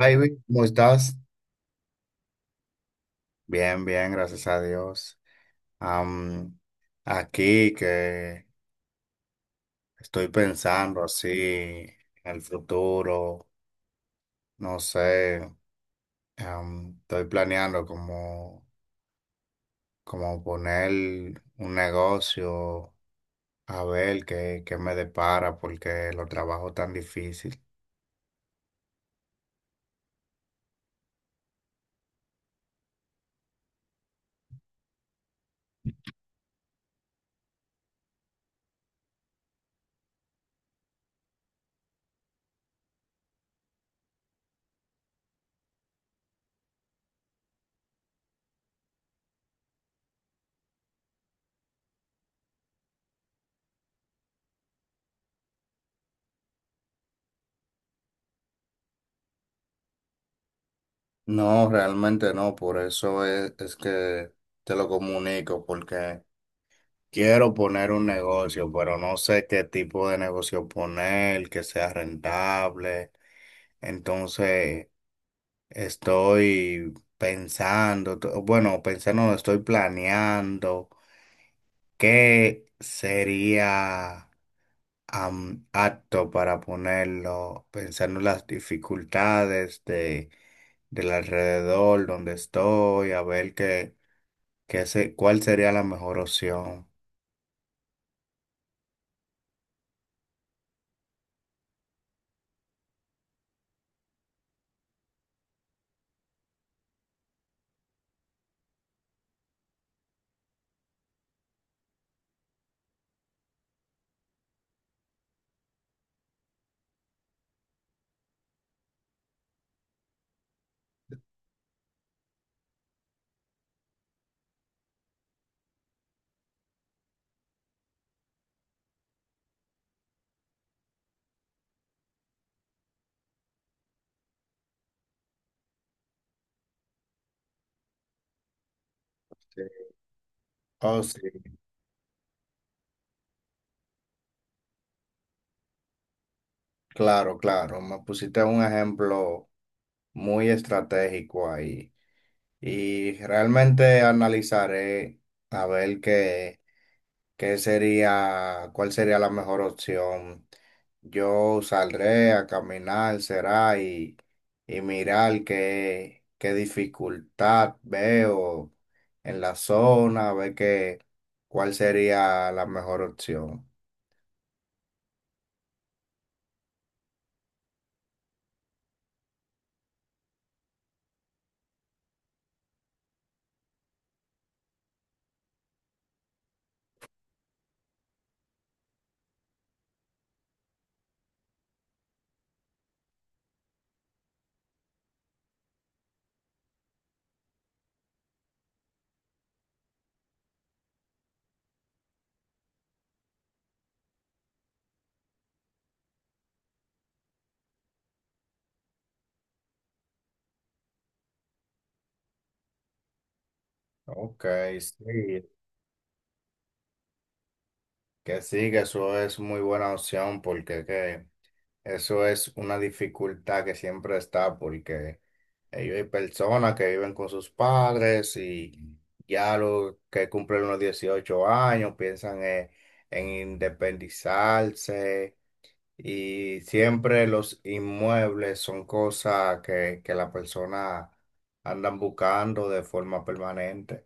Javi, ¿cómo estás? Bien, bien, gracias a Dios. Am, Aquí que estoy pensando así en el futuro, no sé, estoy planeando como, como poner un negocio a ver qué, qué me depara porque lo trabajo tan difícil. No, realmente no, por eso es que te lo comunico, porque quiero poner un negocio, pero no sé qué tipo de negocio poner, que sea rentable. Entonces, estoy pensando, to- bueno, pensando, no, estoy planeando qué sería apto para ponerlo, pensando en las dificultades de, del alrededor donde estoy, a ver qué, qué se, cuál sería la mejor opción. Sí. Oh, sí. Claro, claro, me pusiste un ejemplo muy estratégico ahí y realmente analizaré a ver qué, qué sería, cuál sería la mejor opción. Yo saldré a caminar, será, y mirar qué, qué dificultad veo en la zona, ver qué, cuál sería la mejor opción. Ok, sí. Que sí, que eso es muy buena opción porque que eso es una dificultad que siempre está porque ellos hay personas que viven con sus padres y ya los que cumplen los 18 años piensan en independizarse y siempre los inmuebles son cosas que la persona andan buscando de forma permanente.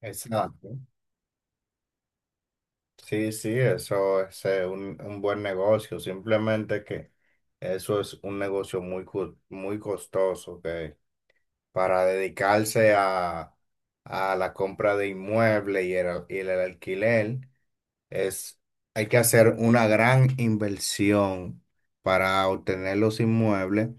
Exacto. Sí, sí, eso es un buen negocio, simplemente que eso es un negocio muy costoso, que para dedicarse a la compra de inmuebles y el alquiler, es, hay que hacer una gran inversión para obtener los inmuebles.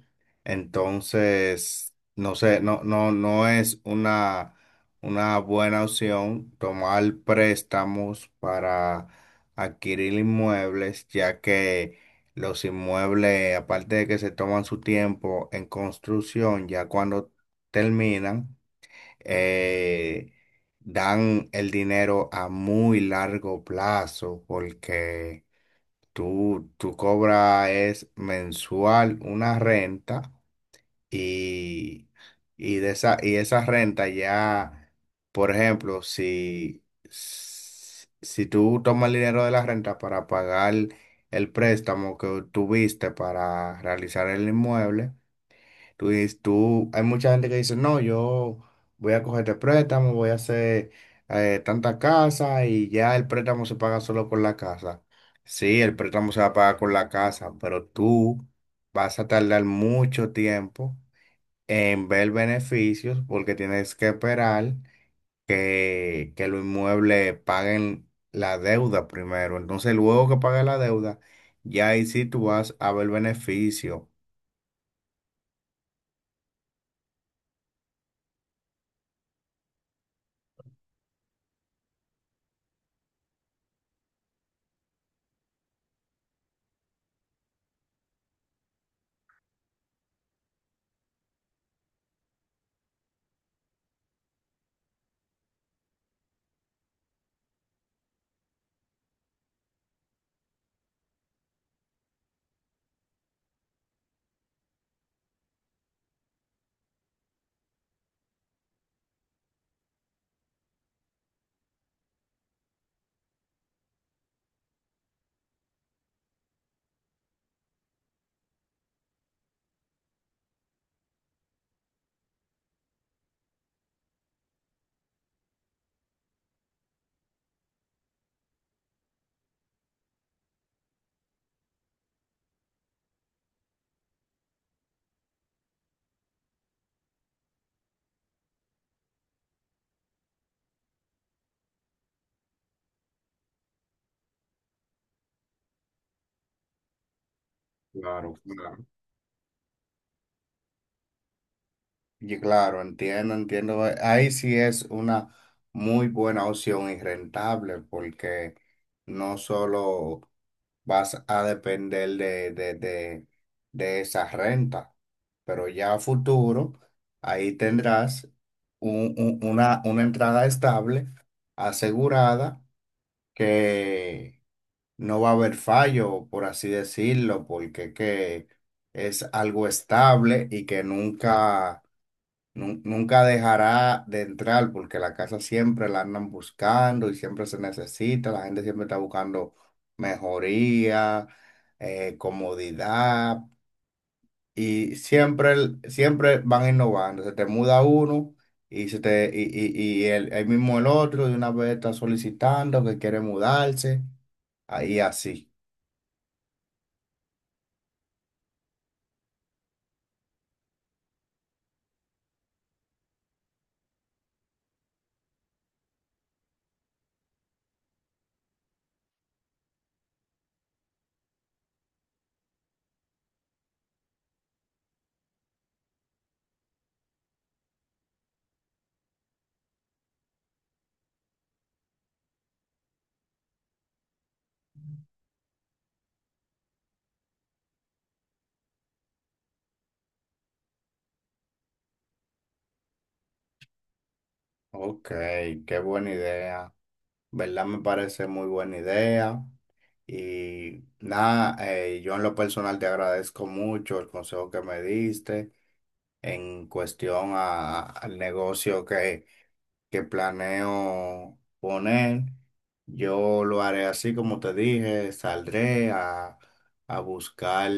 Entonces, no sé, no, no, no es una buena opción tomar préstamos para adquirir inmuebles, ya que los inmuebles, aparte de que se toman su tiempo en construcción, ya cuando terminan, eh, dan el dinero a muy largo plazo porque tú cobras es mensual una renta y, y esa renta ya, por ejemplo, si si tú tomas el dinero de la renta para pagar el préstamo que tuviste para realizar el inmueble, tú, hay mucha gente que dice, no, yo voy a coger este préstamo, voy a hacer tanta casa y ya el préstamo se paga solo con la casa. Sí, el préstamo se va a pagar con la casa, pero tú vas a tardar mucho tiempo en ver beneficios porque tienes que esperar que los inmuebles paguen la deuda primero. Entonces, luego que pague la deuda, ya ahí sí tú vas a ver beneficios. Claro, claro. Y claro, entiendo, entiendo. Ahí sí es una muy buena opción y rentable porque no solo vas a depender de esa renta, pero ya a futuro ahí tendrás una entrada estable asegurada que no va a haber fallo, por así decirlo, porque que es algo estable y que nunca... Nunca dejará de entrar porque la casa siempre la andan buscando y siempre se necesita. La gente siempre está buscando mejoría, comodidad y siempre van innovando. Se te muda uno y, se te, y el, ahí mismo el otro de una vez está solicitando que quiere mudarse. Ahí así. Ok, qué buena idea. ¿Verdad? Me parece muy buena idea. Y nada, yo en lo personal te agradezco mucho el consejo que me diste en cuestión al negocio que planeo poner. Yo lo haré así como te dije, saldré a buscar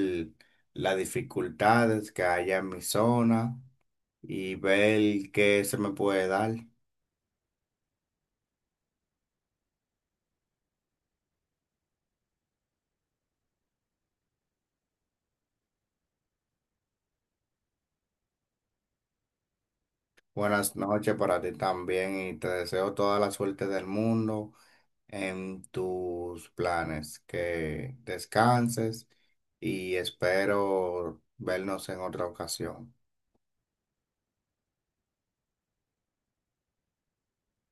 las dificultades que haya en mi zona y ver qué se me puede dar. Buenas noches para ti también y te deseo toda la suerte del mundo en tus planes. Que descanses y espero vernos en otra ocasión.